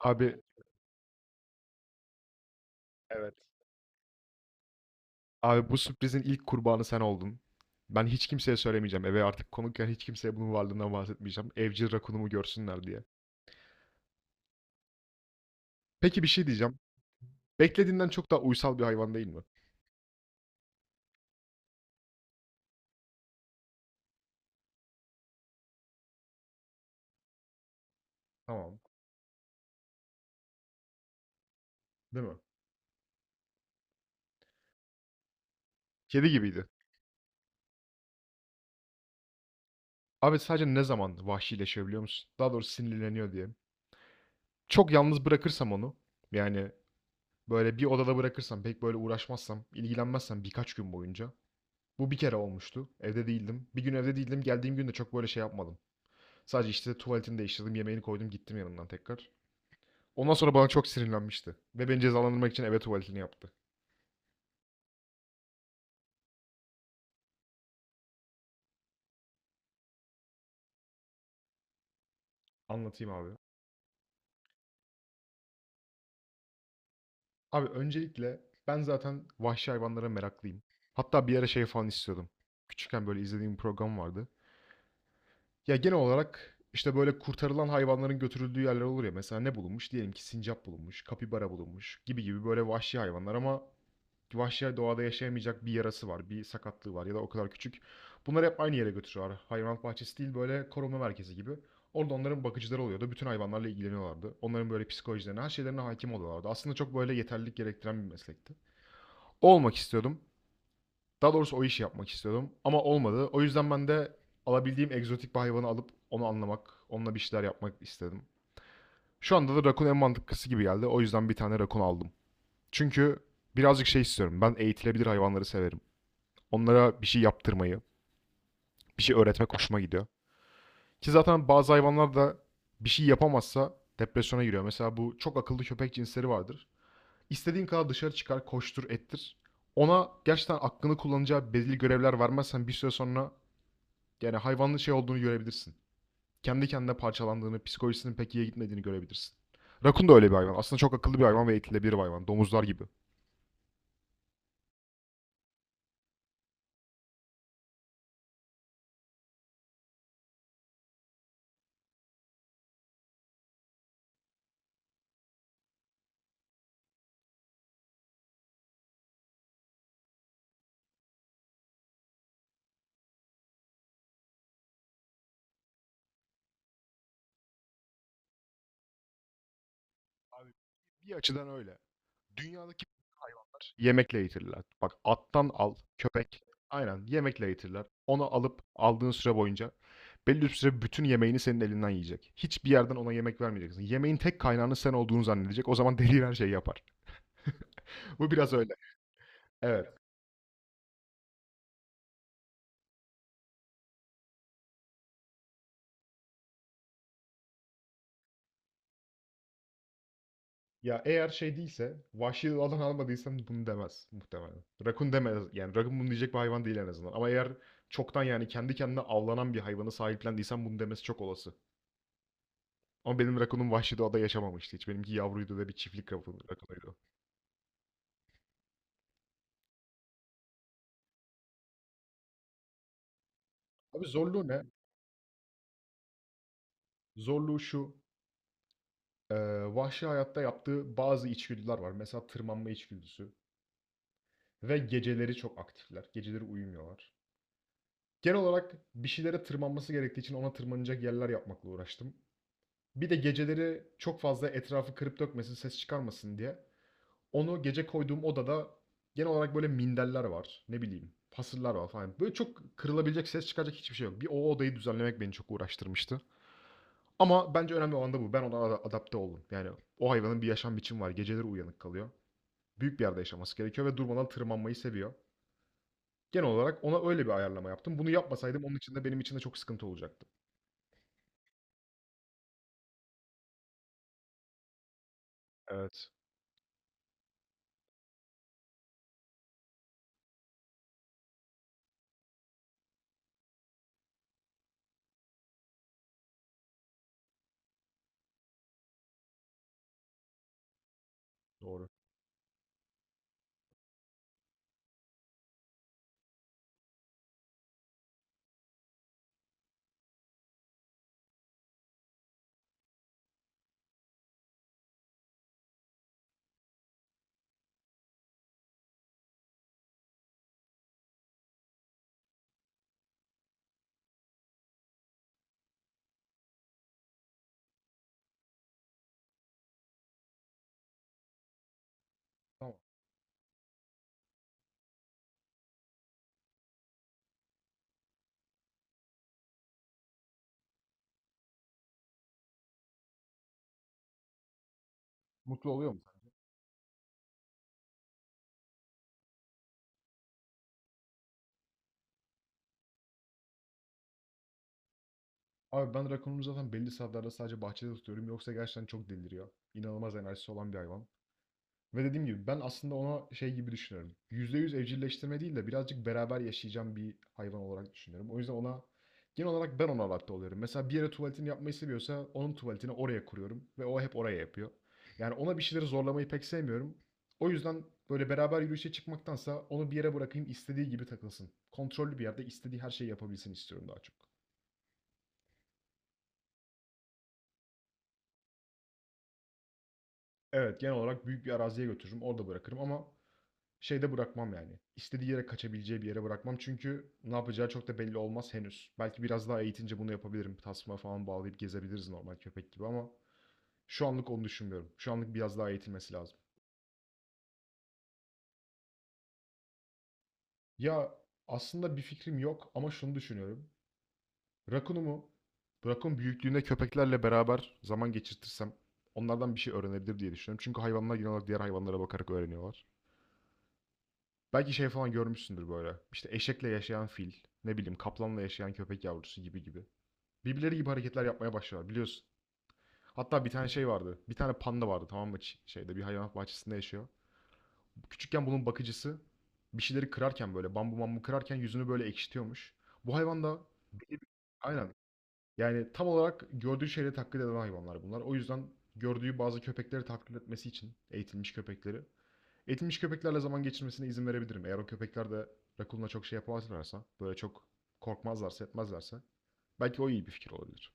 Abi. Evet. Abi bu sürprizin ilk kurbanı sen oldun. Ben hiç kimseye söylemeyeceğim. Eve artık konukken hiç kimseye bunun varlığından bahsetmeyeceğim. Evcil rakunumu görsünler diye. Peki bir şey diyeceğim. Beklediğinden çok daha uysal bir hayvan değil mi? Tamam. Değil mi? Kedi gibiydi. Abi sadece ne zaman vahşileşiyor biliyor musun? Daha doğrusu sinirleniyor diye. Çok yalnız bırakırsam onu, yani böyle bir odada bırakırsam, pek böyle uğraşmazsam, ilgilenmezsem birkaç gün boyunca. Bu bir kere olmuştu. Evde değildim. Bir gün evde değildim. Geldiğim gün de çok böyle şey yapmadım. Sadece işte tuvaletini değiştirdim, yemeğini koydum, gittim yanından tekrar. Ondan sonra bana çok sinirlenmişti. Ve beni cezalandırmak için eve tuvaletini yaptı. Anlatayım abi. Abi öncelikle ben zaten vahşi hayvanlara meraklıyım. Hatta bir ara şey falan istiyordum. Küçükken böyle izlediğim bir program vardı. Ya genel olarak işte böyle kurtarılan hayvanların götürüldüğü yerler olur ya. Mesela ne bulunmuş? Diyelim ki sincap bulunmuş, kapibara bulunmuş gibi gibi böyle vahşi hayvanlar ama vahşi doğada yaşayamayacak bir yarası var, bir sakatlığı var ya da o kadar küçük. Bunları hep aynı yere götürüyorlar. Hayvanat bahçesi değil böyle koruma merkezi gibi. Orada onların bakıcıları oluyordu. Bütün hayvanlarla ilgileniyorlardı. Onların böyle psikolojilerine, her şeylerine hakim oluyorlardı. Aslında çok böyle yeterlilik gerektiren bir meslekti. O olmak istiyordum. Daha doğrusu o işi yapmak istiyordum. Ama olmadı. O yüzden ben de alabildiğim egzotik bir hayvanı alıp onu anlamak, onunla bir şeyler yapmak istedim. Şu anda da rakun en mantıklısı gibi geldi. O yüzden bir tane rakun aldım. Çünkü birazcık şey istiyorum. Ben eğitilebilir hayvanları severim. Onlara bir şey yaptırmayı, bir şey öğretmek hoşuma gidiyor. Ki zaten bazı hayvanlar da bir şey yapamazsa depresyona giriyor. Mesela bu çok akıllı köpek cinsleri vardır. İstediğin kadar dışarı çıkar, koştur, ettir. Ona gerçekten aklını kullanacağı belirli görevler vermezsen bir süre sonra yani hayvanın şey olduğunu görebilirsin. Kendi kendine parçalandığını, psikolojisinin pek iyiye gitmediğini görebilirsin. Rakun da öyle bir hayvan. Aslında çok akıllı bir hayvan ve eğitilebilir bir hayvan. Domuzlar gibi. Abi. Bir açıdan öyle. Dünyadaki hayvanlar yemekle eğitirler. Bak attan al, köpek. Aynen yemekle eğitirler. Onu alıp aldığın süre boyunca belli bir süre bütün yemeğini senin elinden yiyecek. Hiçbir yerden ona yemek vermeyeceksin. Yemeğin tek kaynağının sen olduğunu zannedecek. O zaman deli her şeyi yapar. Bu biraz öyle. Evet. Ya eğer şey değilse, vahşi alan almadıysan bunu demez muhtemelen. Rakun demez. Yani rakun bunu diyecek bir hayvan değil en azından. Ama eğer çoktan yani kendi kendine avlanan bir hayvanı sahiplendiysen bunu demesi çok olası. Ama benim rakunum vahşi doğada yaşamamıştı hiç. Benimki yavruydu ve bir çiftlik rakunuydu. Abi zorluğu ne? Zorluğu şu. e, Vahşi hayatta yaptığı bazı içgüdüler var. Mesela tırmanma içgüdüsü. Ve geceleri çok aktifler. Geceleri uyumuyorlar. Genel olarak bir şeylere tırmanması gerektiği için ona tırmanacak yerler yapmakla uğraştım. Bir de geceleri çok fazla etrafı kırıp dökmesin, ses çıkarmasın diye onu gece koyduğum odada genel olarak böyle minderler var. Ne bileyim fasıller var falan. Böyle çok kırılabilecek, ses çıkacak hiçbir şey yok. Bir o odayı düzenlemek beni çok uğraştırmıştı. Ama bence önemli olan da bu. Ben ona adapte oldum. Yani o hayvanın bir yaşam biçimi var. Geceleri uyanık kalıyor. Büyük bir yerde yaşaması gerekiyor ve durmadan tırmanmayı seviyor. Genel olarak ona öyle bir ayarlama yaptım. Bunu yapmasaydım onun için de benim için de çok sıkıntı olacaktı. Evet. Doğru. Tamam. Mutlu oluyor mu sence? Abi ben rakonumu zaten belli saatlerde sadece bahçede tutuyorum. Yoksa gerçekten çok deliriyor. İnanılmaz enerjisi olan bir hayvan. Ve dediğim gibi ben aslında ona şey gibi düşünüyorum. %100 evcilleştirme değil de birazcık beraber yaşayacağım bir hayvan olarak düşünüyorum. O yüzden ona genel olarak ben ona adapte oluyorum. Mesela bir yere tuvaletini yapmayı seviyorsa onun tuvaletini oraya kuruyorum ve o hep oraya yapıyor. Yani ona bir şeyleri zorlamayı pek sevmiyorum. O yüzden böyle beraber yürüyüşe çıkmaktansa onu bir yere bırakayım istediği gibi takılsın. Kontrollü bir yerde istediği her şeyi yapabilsin istiyorum daha çok. Evet, genel olarak büyük bir araziye götürürüm orada bırakırım ama şeyde bırakmam yani. İstediği yere kaçabileceği bir yere bırakmam. Çünkü ne yapacağı çok da belli olmaz henüz. Belki biraz daha eğitince bunu yapabilirim. Tasma falan bağlayıp gezebiliriz normal köpek gibi ama şu anlık onu düşünmüyorum. Şu anlık biraz daha eğitilmesi lazım. Ya aslında bir fikrim yok ama şunu düşünüyorum. Rakunumu Rakun büyüklüğünde köpeklerle beraber zaman geçirtirsem onlardan bir şey öğrenebilir diye düşünüyorum. Çünkü hayvanlar genel olarak diğer hayvanlara bakarak öğreniyorlar. Belki şey falan görmüşsündür böyle. İşte eşekle yaşayan fil, ne bileyim kaplanla yaşayan köpek yavrusu gibi gibi. Birbirleri gibi hareketler yapmaya başlıyorlar biliyorsun. Hatta bir tane şey vardı. Bir tane panda vardı, tamam mı? Şeyde bir hayvanat bahçesinde yaşıyor. Küçükken bunun bakıcısı bir şeyleri kırarken böyle bambu bambu kırarken yüzünü böyle ekşitiyormuş. Bu hayvan da aynen yani tam olarak gördüğü şeyleri taklit eden hayvanlar bunlar. O yüzden gördüğü bazı köpekleri taklit etmesi için eğitilmiş köpeklerle zaman geçirmesine izin verebilirim. Eğer o köpekler de Rakun'la çok şey yapamazlarsa böyle çok korkmazlarsa etmezlerse belki o iyi bir fikir olabilir.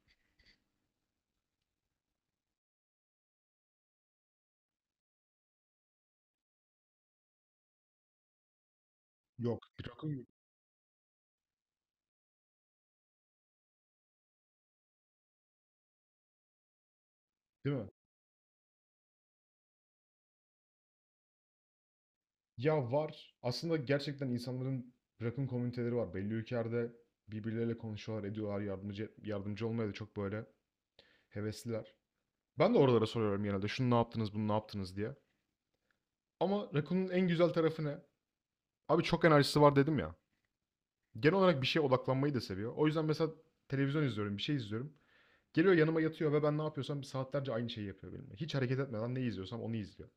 Yok. Değil mi? Ya var. Aslında gerçekten insanların rakım komüniteleri var. Belli ülkelerde birbirleriyle konuşuyorlar, ediyorlar, yardımcı yardımcı olmaya da çok böyle hevesliler. Ben de oralara soruyorum genelde. Şunu ne yaptınız, bunu ne yaptınız diye. Ama Rakun'un en güzel tarafı ne? Abi çok enerjisi var dedim ya. Genel olarak bir şeye odaklanmayı da seviyor. O yüzden mesela televizyon izliyorum, bir şey izliyorum. Geliyor yanıma yatıyor ve ben ne yapıyorsam saatlerce aynı şeyi yapıyor benimle. Hiç hareket etmeden ne izliyorsam onu izliyor.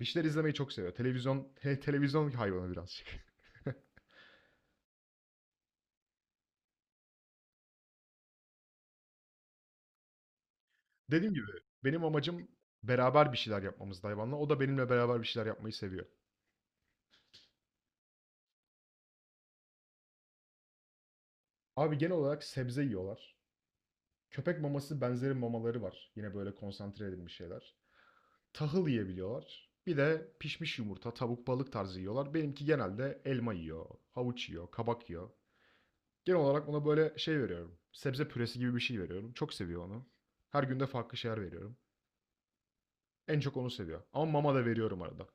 Bir şeyler izlemeyi çok seviyor. Televizyon, televizyon hayvanı birazcık. Dediğim gibi benim amacım beraber bir şeyler yapmamızdı hayvanla. O da benimle beraber bir şeyler yapmayı seviyor. Abi genel olarak sebze yiyorlar. Köpek maması benzeri mamaları var. Yine böyle konsantre edilmiş şeyler. Tahıl yiyebiliyorlar. Bir de pişmiş yumurta, tavuk, balık tarzı yiyorlar. Benimki genelde elma yiyor, havuç yiyor, kabak yiyor. Genel olarak ona böyle şey veriyorum. Sebze püresi gibi bir şey veriyorum. Çok seviyor onu. Her günde farklı şeyler veriyorum. En çok onu seviyor. Ama mama da veriyorum arada.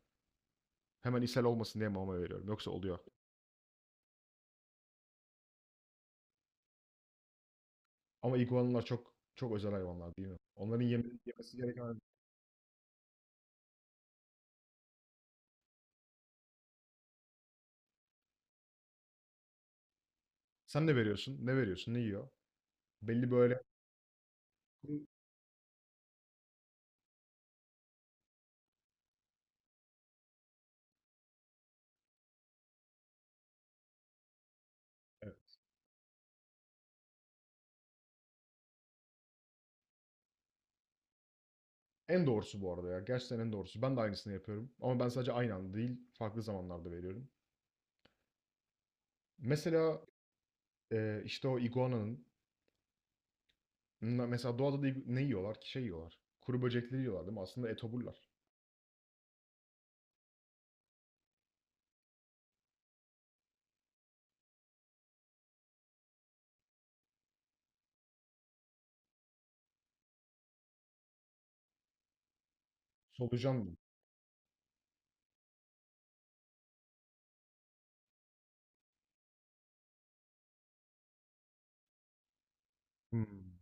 Hemen ishal olmasın diye mama veriyorum. Yoksa oluyor. Ama iguanalar çok çok özel hayvanlar değil mi? Onların yemesi gereken... Sen ne veriyorsun? Ne veriyorsun? Ne yiyor? Belli böyle... Evet. En doğrusu bu arada ya. Gerçekten en doğrusu. Ben de aynısını yapıyorum. Ama ben sadece aynı anda değil, farklı zamanlarda veriyorum. Mesela işte o iguananın... Mesela doğada da ne yiyorlar ki? Şey yiyorlar. Kuru böcekleri yiyorlar değil mi? Aslında etoburlar. Solucan mı? Hmm,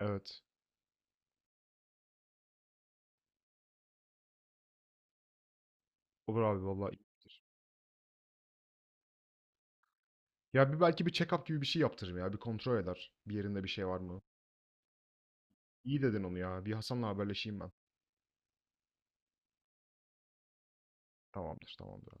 evet. Olur abi vallahi iyi fikir. Ya bir belki bir check-up gibi bir şey yaptırırım ya. Bir kontrol eder. Bir yerinde bir şey var mı? İyi dedin onu ya. Bir Hasan'la haberleşeyim ben. Tamamdır, tamamdır.